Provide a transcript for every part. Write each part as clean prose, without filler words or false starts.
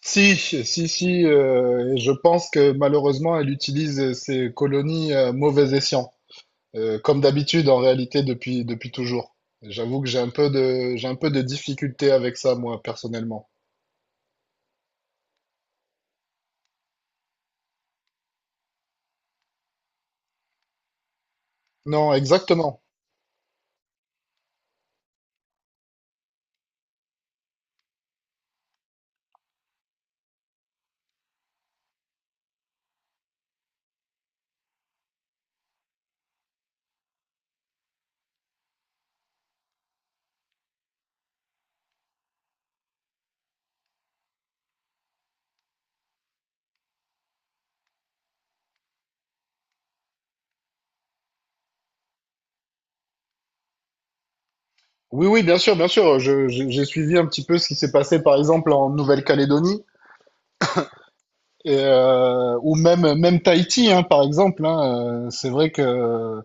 Si, si, si, et je pense que malheureusement, elle utilise ses colonies à mauvais escient, comme d'habitude en réalité depuis toujours. J'avoue que j'ai un peu de difficulté avec ça, moi, personnellement. Non, exactement. Oui, oui, bien sûr, bien sûr. J'ai suivi un petit peu ce qui s'est passé, par exemple, en Nouvelle-Calédonie, et, ou même, même Tahiti, hein, par exemple, hein. C'est vrai que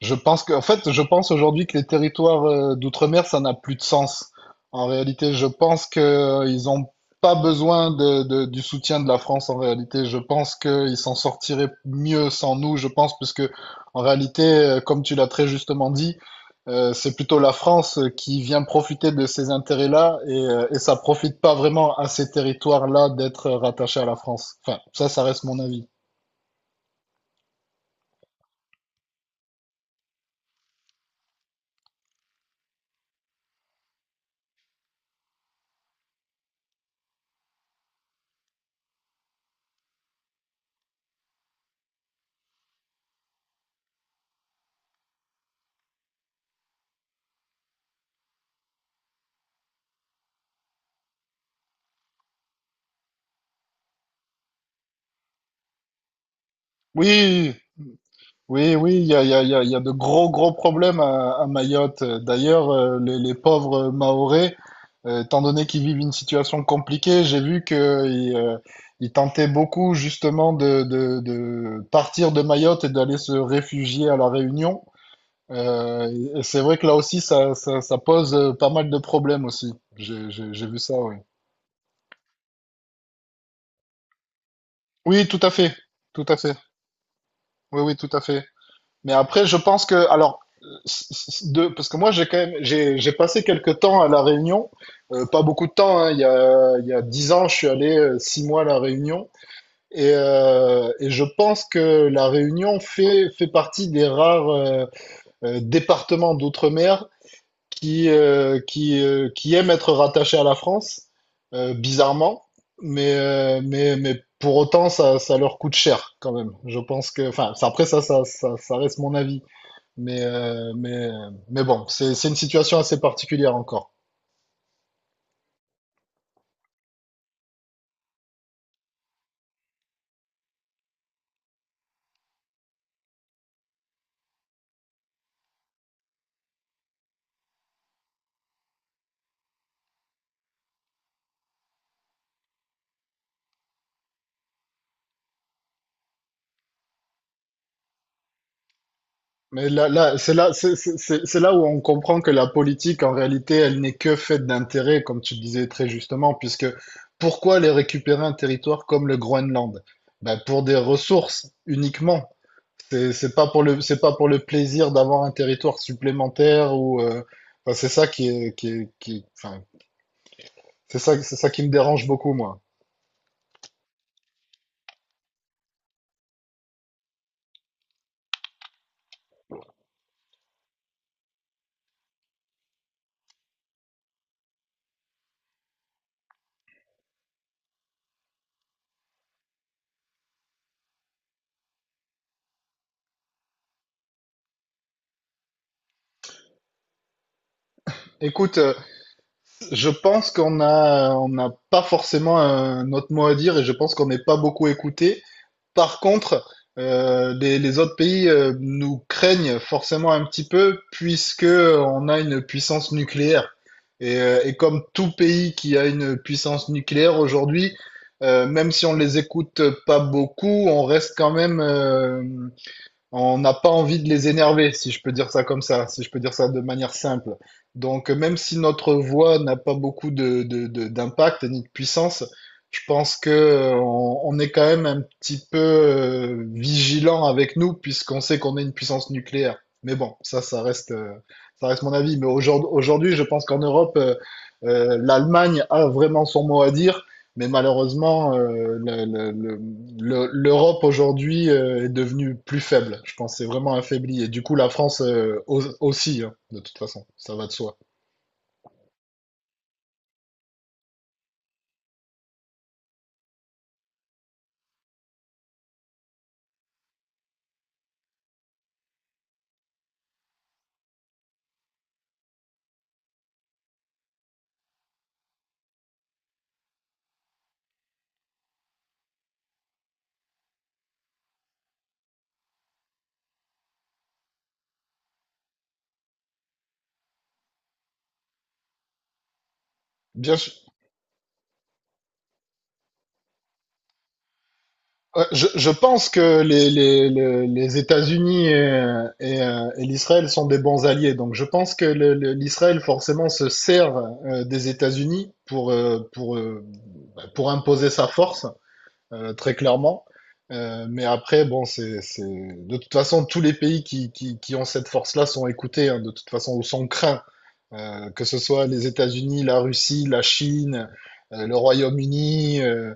je pense que, en fait, je pense aujourd'hui que les territoires d'outre-mer, ça n'a plus de sens. En réalité, je pense que ils ont pas besoin de, du soutien de la France. En réalité, je pense qu'ils s'en sortiraient mieux sans nous. Je pense, puisque en réalité, comme tu l'as très justement dit, c'est plutôt la France qui vient profiter de ces intérêts-là et ça profite pas vraiment à ces territoires-là d'être rattachés à la France. Enfin, ça reste mon avis. Oui, oui, oui, il y a, il y a, il y a de gros, gros problèmes à Mayotte. D'ailleurs, les pauvres Mahorais, étant donné qu'ils vivent une situation compliquée, j'ai vu qu'ils euh, ils tentaient beaucoup justement de partir de Mayotte et d'aller se réfugier à La Réunion. Euh, et c'est vrai que là aussi, ça pose pas mal de problèmes aussi. J'ai vu ça, oui. Oui, tout à fait, tout à fait. Oui, oui, tout à fait. Mais après, je pense que, alors, parce que moi, j'ai quand même, j'ai passé quelques temps à La Réunion. Pas beaucoup de temps, hein, il y a 10 ans, je suis allé six mois à La Réunion, et je pense que La Réunion fait partie des rares départements d'outre-mer qui aiment être rattachés à la France, bizarrement, mais pour autant, ça leur coûte cher quand même. Je pense que, enfin, après, ça, ça reste mon avis. Mais, euh, mais, mais bon, c'est une situation assez particulière encore. Mais là, là, c'est là où on comprend que la politique, en réalité, elle n'est que faite d'intérêts, comme tu le disais très justement, puisque pourquoi aller récupérer un territoire comme le Groenland? Ben, pour des ressources uniquement. C'est pas pour le, c'est pas pour le plaisir d'avoir un territoire supplémentaire ou, enfin, c'est ça qui est, qui est, qui est- enfin, c'est ça qui me dérange beaucoup, moi. Écoute, je pense qu'on a, on n'a pas forcément notre mot à dire et je pense qu'on n'est pas beaucoup écouté. Par contre, les autres pays nous craignent forcément un petit peu puisque on a une puissance nucléaire. Et comme tout pays qui a une puissance nucléaire aujourd'hui, même si on les écoute pas beaucoup, on reste quand même on n'a pas envie de les énerver, si je peux dire ça comme ça, si je peux dire ça de manière simple. Donc, même si notre voix n'a pas beaucoup de, d'impact ni de puissance, je pense que on est quand même un petit peu vigilant avec nous, puisqu'on sait qu'on est une puissance nucléaire. Mais bon, ça, ça reste mon avis. Mais aujourd'hui, aujourd'hui, je pense qu'en Europe, l'Allemagne a vraiment son mot à dire. Mais malheureusement, l'Europe aujourd'hui est devenue plus faible. Je pense que c'est vraiment affaibli. Et du coup, la France aussi, hein, de toute façon, ça va de soi. Bien sûr. Ouais, je pense que les États-Unis et l'Israël sont des bons alliés. Donc je pense que l'Israël forcément se sert des États-Unis pour, bah, pour imposer sa force, très clairement. Mais après, bon, c'est... De toute façon, tous les pays qui ont cette force-là sont écoutés, hein, de toute façon, ou sont craints. Que ce soit les États-Unis, la Russie, la Chine, le Royaume-Uni,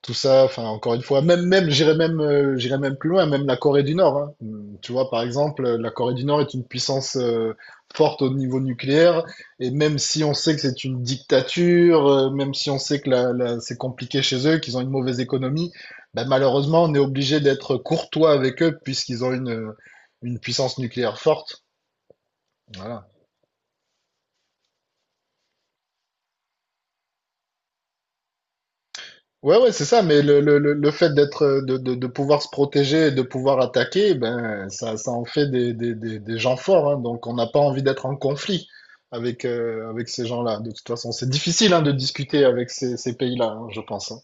tout ça, enfin encore une fois, même même j'irais même j'irais même plus loin, même la Corée du Nord, hein. Tu vois, par exemple, la Corée du Nord est une puissance forte au niveau nucléaire, et même si on sait que c'est une dictature, même si on sait que c'est compliqué chez eux, qu'ils ont une mauvaise économie, ben, malheureusement, on est obligé d'être courtois avec eux puisqu'ils ont une puissance nucléaire forte. Voilà. Ouais, ouais, c'est ça, mais le fait d'être, de pouvoir se protéger et de pouvoir attaquer, ben, ça en fait des gens forts, hein. Donc on n'a pas envie d'être en conflit avec, avec ces gens-là. De toute façon, c'est difficile, hein, de discuter avec ces pays-là, hein, je pense, hein.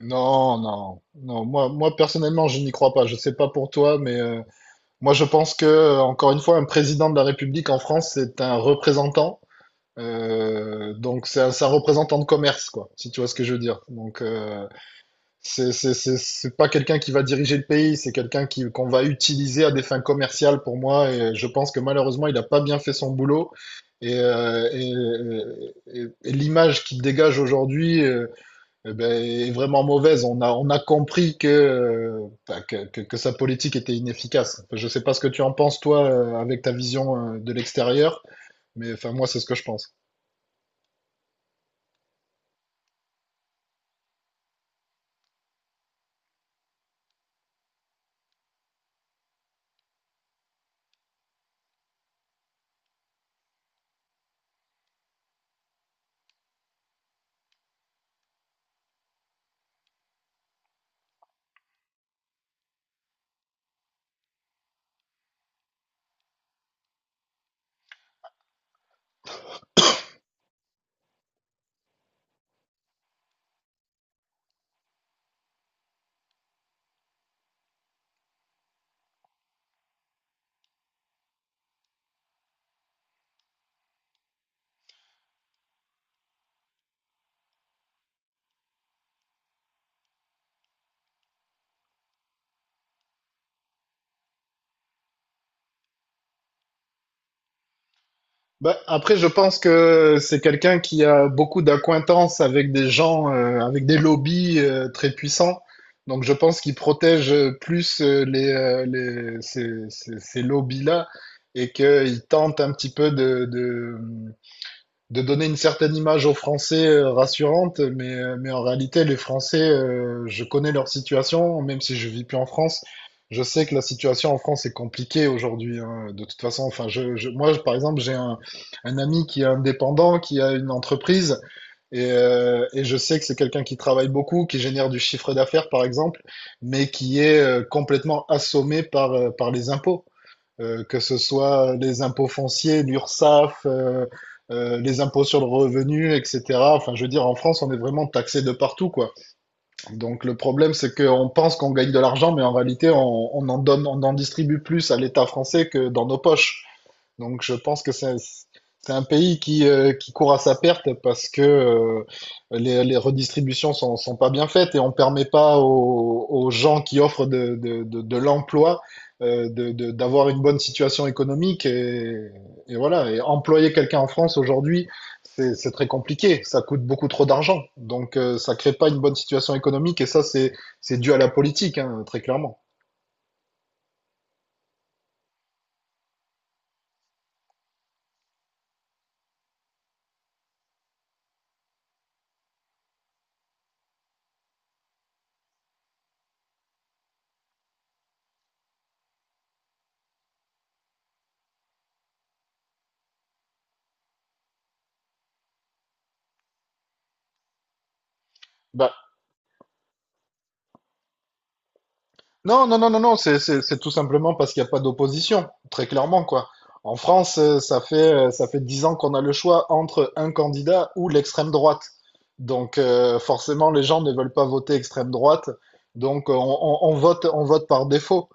Non, non, non, moi, moi, personnellement, je n'y crois pas. Je sais pas pour toi, mais moi, je pense que, encore une fois, un président de la République en France, c'est un représentant. Donc c'est un représentant de commerce, quoi, si tu vois ce que je veux dire. Donc, c'est, c'est pas quelqu'un qui va diriger le pays, c'est quelqu'un qui, qu'on va utiliser à des fins commerciales pour moi. Et je pense que malheureusement, il n'a pas bien fait son boulot. Et, et l'image qu'il dégage aujourd'hui, eh ben, est vraiment mauvaise. On a compris que, que sa politique était inefficace. Enfin, je sais pas ce que tu en penses, toi, avec ta vision de l'extérieur, mais enfin, moi, c'est ce que je pense. Bah, après, je pense que c'est quelqu'un qui a beaucoup d'acquaintances avec des gens, avec des lobbies très puissants. Donc, je pense qu'il protège plus ces lobbies-là et qu'il tente un petit peu de donner une certaine image aux Français rassurante, mais en réalité, les Français, je connais leur situation, même si je vis plus en France. Je sais que la situation en France est compliquée aujourd'hui, hein. De toute façon, enfin, par exemple, un ami qui est indépendant, qui a une entreprise, et je sais que c'est quelqu'un qui travaille beaucoup, qui génère du chiffre d'affaires, par exemple, mais qui est complètement assommé par, par les impôts, que ce soit les impôts fonciers, l'URSSAF, les impôts sur le revenu, etc. Enfin, je veux dire, en France, on est vraiment taxé de partout, quoi. Donc, le problème, c'est qu'on pense qu'on gagne de l'argent, mais en réalité, on en donne, on en distribue plus à l'État français que dans nos poches. Donc je pense que c'est un pays qui court à sa perte parce que les redistributions sont, sont pas bien faites et on permet pas aux, aux gens qui offrent de l'emploi d'avoir une bonne situation économique et voilà. Et employer quelqu'un en France aujourd'hui, c'est très compliqué. Ça coûte beaucoup trop d'argent. Donc ça crée pas une bonne situation économique et c'est dû à la politique, hein, très clairement. Bah, Non, non, non, non, non, c'est tout simplement parce qu'il n'y a pas d'opposition, très clairement, quoi. En France, ça fait 10 ans qu'on a le choix entre un candidat ou l'extrême droite. Donc, forcément, les gens ne veulent pas voter extrême droite. Donc, on vote par défaut.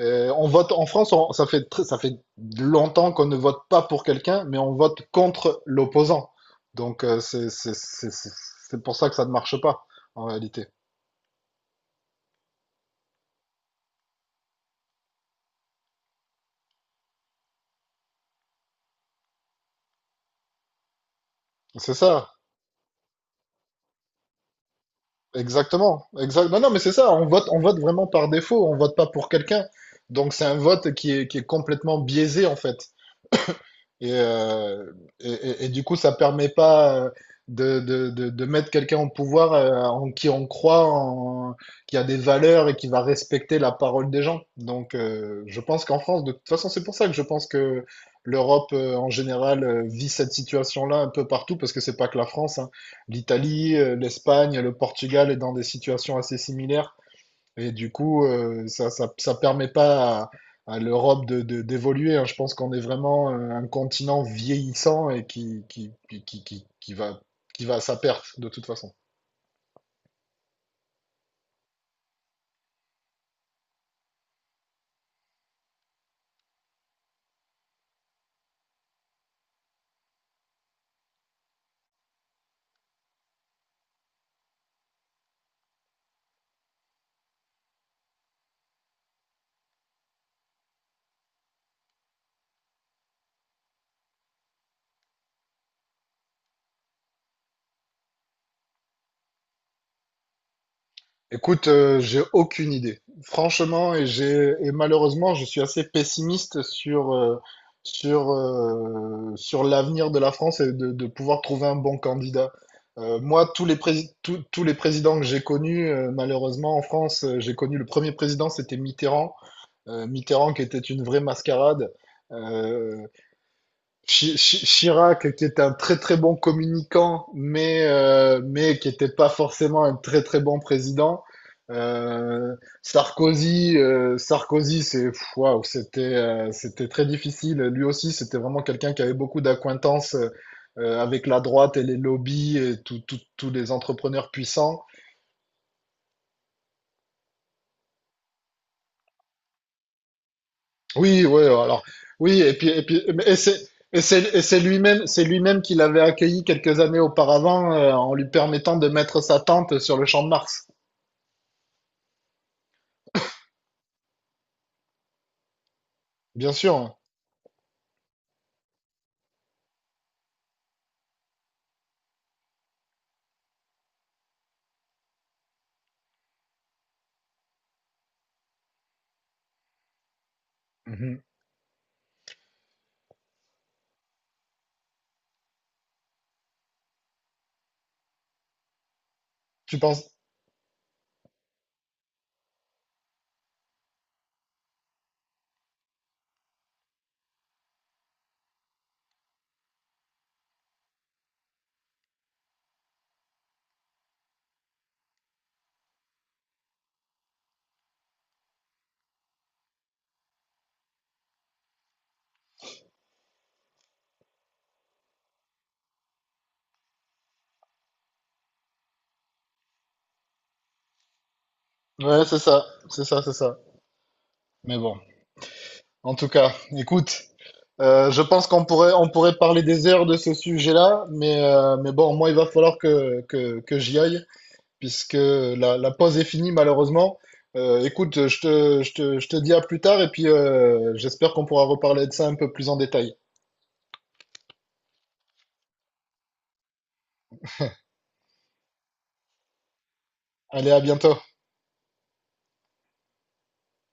On vote, en France, ça fait longtemps qu'on ne vote pas pour quelqu'un, mais on vote contre l'opposant. Donc, c'est pour ça que ça ne marche pas, en réalité. C'est ça. Exactement, exact. Non, non, mais c'est ça, on vote vraiment par défaut, on vote pas pour quelqu'un. Donc c'est un vote qui est complètement biaisé en fait. Et, et du coup, ça permet pas de, de mettre quelqu'un au pouvoir en qui on croit, en, qui a des valeurs et qui va respecter la parole des gens. Donc, je pense qu'en France, de toute façon, c'est pour ça que je pense que l'Europe en général vit cette situation-là un peu partout, parce que c'est pas que la France, hein. L'Italie, l'Espagne, le Portugal est dans des situations assez similaires. Et du coup, ça permet pas à, à l'Europe d'évoluer, hein. Je pense qu'on est vraiment un continent vieillissant et qui va à sa perte de toute façon. Écoute, j'ai aucune idée. Franchement, et malheureusement, je suis assez pessimiste sur, sur l'avenir de la France et de pouvoir trouver un bon candidat. Moi, tous les présidents que j'ai connus, malheureusement en France, j'ai connu le premier président, c'était Mitterrand. Mitterrand qui était une vraie mascarade, euh, Chirac qui était un très très bon communicant, mais qui n'était pas forcément un très très bon président. Euh, Sarkozy, Sarkozy, c'est pff, waouh, c'était c'était très difficile. Lui aussi, c'était vraiment quelqu'un qui avait beaucoup d'acquaintances, avec la droite et les lobbies et tous les entrepreneurs puissants. Oui, ouais, alors, oui, et puis, et c'est lui-même qui l'avait accueilli quelques années auparavant, en lui permettant de mettre sa tente sur le champ de Mars. Bien sûr. Mhm. Tu penses? Ouais, c'est ça, c'est ça, c'est ça. Mais bon. En tout cas, écoute, je pense qu'on pourrait, on pourrait parler des heures de ce sujet-là, mais bon, moi, il va falloir que, que j'y aille, puisque la, la pause est finie malheureusement. Écoute, je te dis à plus tard et puis j'espère qu'on pourra reparler de ça un peu plus en détail. Allez, à bientôt.